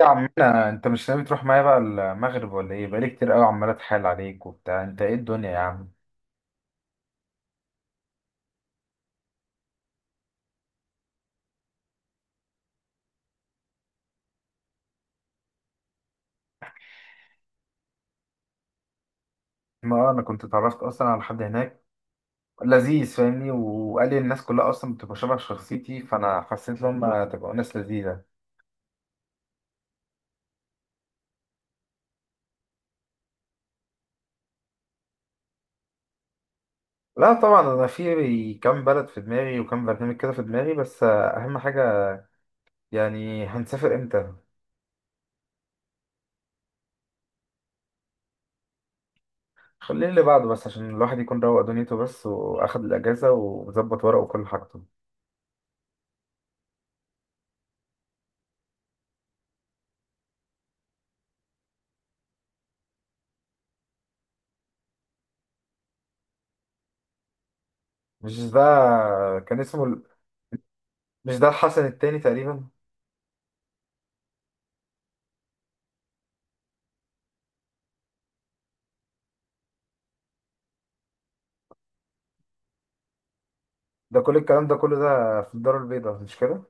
يا عمنا، انت مش ناوي تروح معايا بقى المغرب ولا ايه؟ بقالي كتير قوي عمال اتحايل عليك وبتاع. انت ايه الدنيا يا عم؟ ما اه، انا كنت اتعرفت اصلا على حد هناك لذيذ، فاهمني، وقال لي الناس كلها اصلا بتبقى شبه شخصيتي، فانا حسيت ان هم تبقى ناس لذيذه. لا طبعا، انا في كام بلد في دماغي، وكام برنامج كده في دماغي، بس اهم حاجه يعني هنسافر امتى. خليه اللي بعده بس، عشان الواحد يكون روق دنيته بس، واخد الاجازه وظبط ورقه وكل حاجته. مش ده؟ كان اسمه ال- مش ده الحسن التاني تقريبا؟ ده كل الكلام ده كله ده في الدار البيضاء، مش كده؟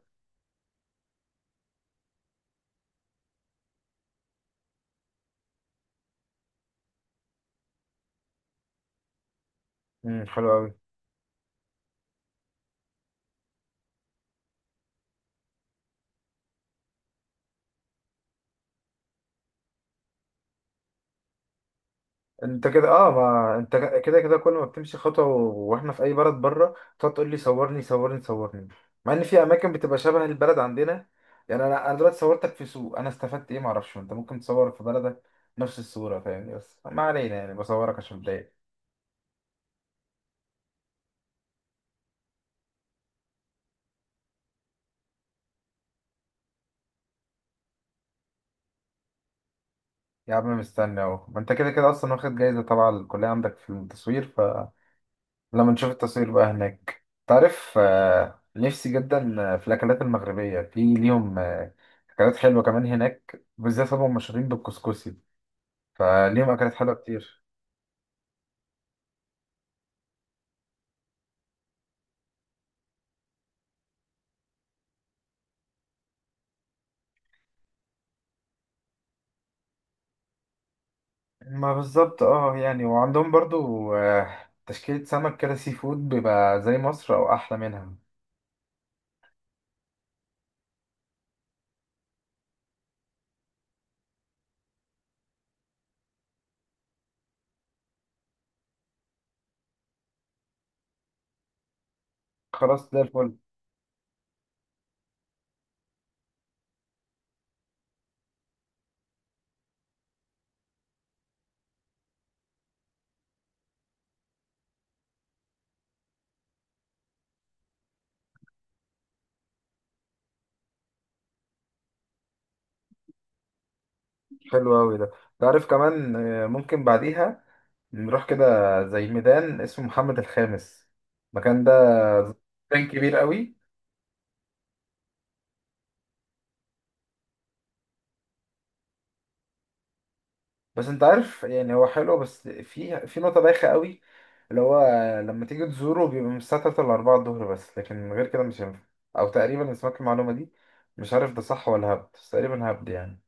امم، حلو قوي. انت كده، اه، ما انت كده كده كل ما بتمشي خطوه واحنا في اي بلد بره تقعد تقول لي صورني، صورني، صورني، مع ان في اماكن بتبقى شبه البلد عندنا يعني. انا دلوقتي صورتك في سوق، انا استفدت ايه؟ ما اعرفش، انت ممكن تصور في بلدك نفس الصوره، فاهمني، بس ما علينا يعني، بصورك عشان بلاقي. يا عم مستني اهو، ما انت كده كده اصلا واخد جايزه طبعا الكليه عندك في التصوير. لما نشوف التصوير بقى هناك تعرف، نفسي جدا في الأكلات المغربية، في ليهم أكلات حلوة كمان هناك، بالذات هم مشهورين بالكسكسي، فليهم أكلات حلوة كتير. ما بالظبط، اه يعني، وعندهم برضو تشكيلة سمك كده، سي فود بيبقى زي مصر أو أحلى منها. خلاص، ده الفل. حلو أوي ده. تعرف كمان، ممكن بعديها نروح كده زي ميدان اسمه محمد الخامس. المكان ده كان كبير أوي. بس انت عارف يعني، هو حلو بس في في نقطة بايخة قوي، اللي هو لما تيجي تزوره بيبقى من الساعة 3 ل 4 الظهر بس، لكن غير كده مش هينفع. او تقريبا، انا سمعت المعلومة دي، مش عارف ده صح ولا هبد، بس تقريبا هبد يعني.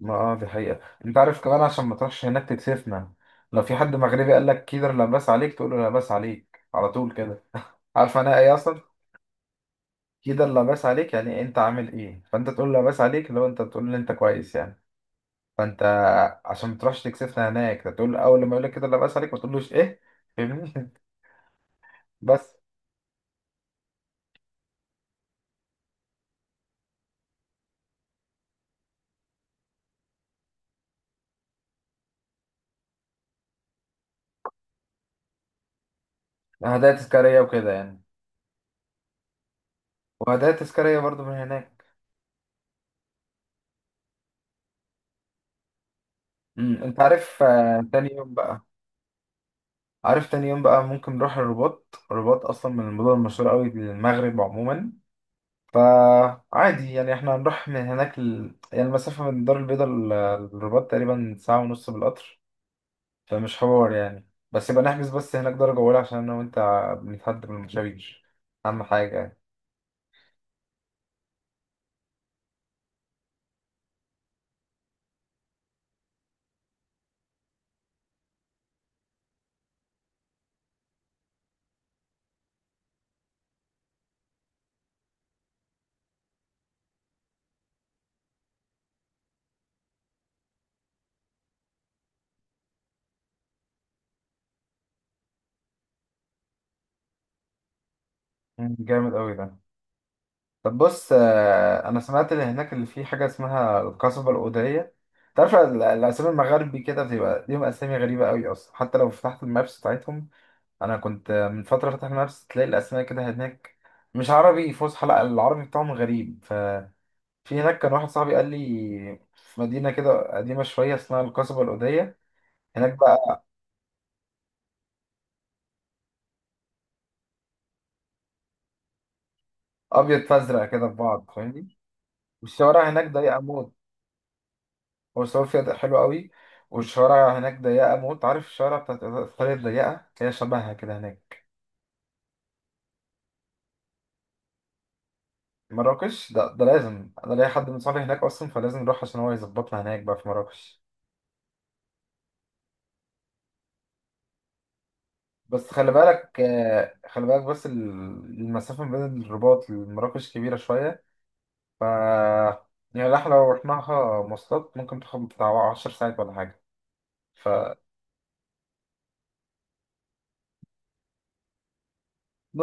ما اه دي حقيقة. انت عارف كمان، عشان ما تروحش هناك تكسفنا، لو في حد مغربي قال لك كده لا باس عليك، تقول له لا باس عليك على طول كده. عارف انا ايه اصلا؟ كده لا باس عليك يعني انت عامل ايه، فانت تقول لا باس عليك لو انت بتقول ان انت كويس يعني. فانت عشان ما تروحش تكسفنا هناك، تقول اول لما يقول لك كده لا باس عليك، ما تقولوش ايه. فاهمني. بس. هدايا تذكاريه وكده يعني. وهدايا تذكاريه برضو من هناك. امم، انت عارف، تاني يوم بقى. عارف، تاني يوم بقى ممكن نروح الرباط. الرباط اصلا من المدن المشهوره قوي للمغرب عموما، فعادي يعني. احنا هنروح من هناك ل... يعني المسافه من الدار البيضاء للرباط تقريبا ساعه ونص بالقطر، فمش حوار يعني. بس يبقى نحجز بس هناك درجه اولى، عشان انا وانت بنتحدى بالمشاوير، اهم حاجه يعني. مم، جامد قوي ده. طب بص، انا سمعت اللي هناك اللي فيه حاجه اسمها القصبه الاوديه. تعرف الاسامي المغاربي كده بتبقى ليهم اسامي غريبه قوي اصلا، حتى لو فتحت المابس بتاعتهم. انا كنت من فتره فتح المابس، تلاقي الاسماء كده هناك مش عربي فصحى، لا، العربي بتاعهم غريب. ففي هناك كان واحد صاحبي قال لي في مدينه كده قديمه شويه اسمها القصبه الاوديه. هناك بقى ابيض فازرق كده في بعض، فاهمني. والشوارع هناك ضيقه موت. وصوفيا ده حلو قوي. والشوارع هناك ضيقة موت، عارف الشوارع بتاعت إيطاليا الضيقة، هي شبهها كده هناك. مراكش ده لازم، أنا ليا حد من صحابي هناك أصلا، فلازم نروح عشان هو يظبطنا هناك بقى في مراكش. بس خلي بالك، خلي بالك بس المسافة ما بين الرباط لمراكش كبيرة شوية. ف يعني احنا لو رحناها مواصلات ممكن تاخد بتاع 10 ساعات ولا حاجة. فنص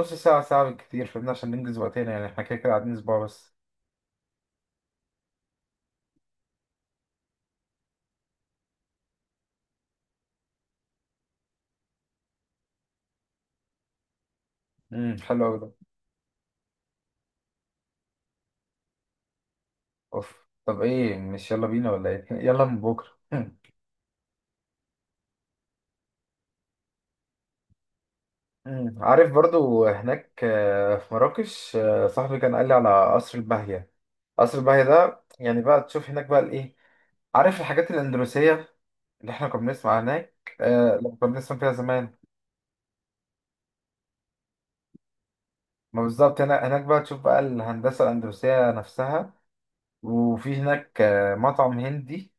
ساعة، ساعة بالكتير، فاهمني، عشان ننجز وقتنا يعني، احنا كده كده قاعدين أسبوع بس. امم، حلو أوي ده. اوف، طب ايه، مش يلا بينا ولا ايه؟ يلا من بكره. مم. عارف برضو هناك، في مراكش، صاحبي كان قال لي على قصر الباهية. قصر الباهية ده يعني بقى تشوف هناك بقى الايه، عارف الحاجات الأندلسية اللي احنا كنا بنسمع هناك آه لما كنا بنسمع فيها زمان. ما بالظبط، هنا هناك بقى تشوف بقى الهندسة الأندلسية نفسها. وفي هناك آه مطعم هندي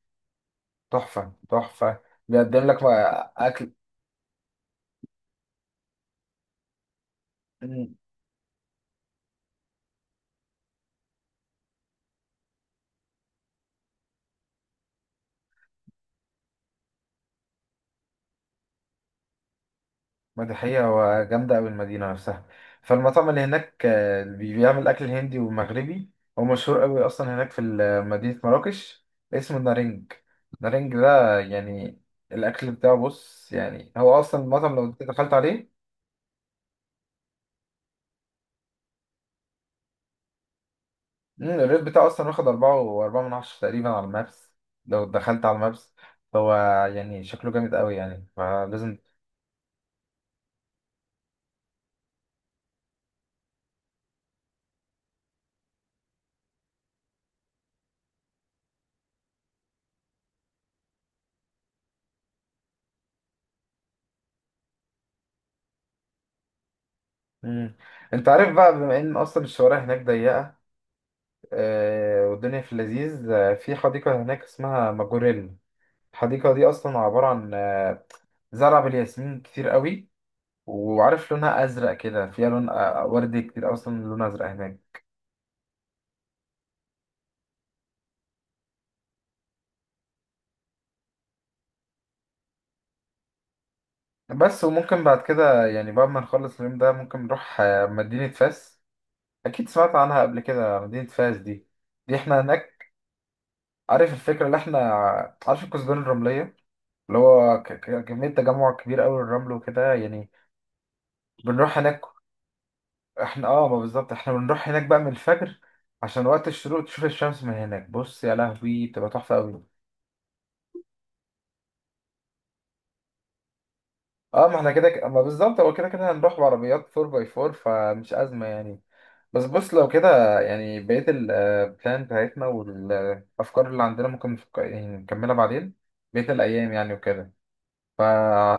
تحفة تحفة، بيقدم لك بقى أكل. ما دي حقيقة، وجامدة أوي المدينة نفسها. فالمطعم اللي هناك، اللي بيعمل أكل هندي ومغربي، هو مشهور أوي أصلا هناك في مدينة مراكش، اسمه نارنج. نارنج ده يعني الأكل بتاعه، بص يعني، هو أصلا المطعم لو أنت دخلت عليه، مم، الريت بتاعه أصلا واخد أربعة وأربعة من عشرة تقريبا على المابس. لو دخلت على المابس، هو يعني شكله جامد أوي يعني، فلازم. مم. أنت عارف بقى، بما إن أصلا الشوارع هناك ضيقة، والدنيا في اللذيذ، في حديقة هناك اسمها ماجوريل. الحديقة دي أصلا عبارة عن زرع بالياسمين كتير قوي، وعارف لونها أزرق كده، فيها لون وردي كتير، أصلا لون أزرق هناك. بس وممكن بعد كده يعني، بعد ما نخلص اليوم ده، ممكن نروح مدينة فاس. أكيد سمعت عنها قبل كده مدينة فاس دي. احنا هناك عارف الفكرة اللي احنا، عارف الكثبان الرملية، اللي هو كمية تجمع كبير أوي للرمل وكده يعني، بنروح هناك. احنا اه، ما بالظبط، احنا بنروح هناك بقى من الفجر عشان وقت الشروق تشوف الشمس من هناك، بص يا لهوي بتبقى تحفة قوي. اه ما احنا كده ما بالظبط هو كده كده هنروح بعربيات 4x4، فمش أزمة يعني. بس بص، لو كده يعني بقية البلان بتاعتنا والأفكار اللي عندنا ممكن يعني نكملها بعدين، بقية الأيام يعني وكده. فأنا،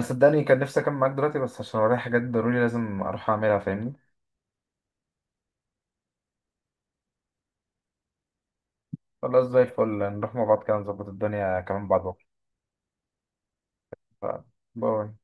صدقني كان نفسي أكمل معاك دلوقتي، بس عشان ورايا حاجات ضروري لازم أروح أعملها، فاهمني. خلاص، زي الفل، نروح مع بعض كده، نظبط الدنيا كمان بعد بكرة. ف- باي.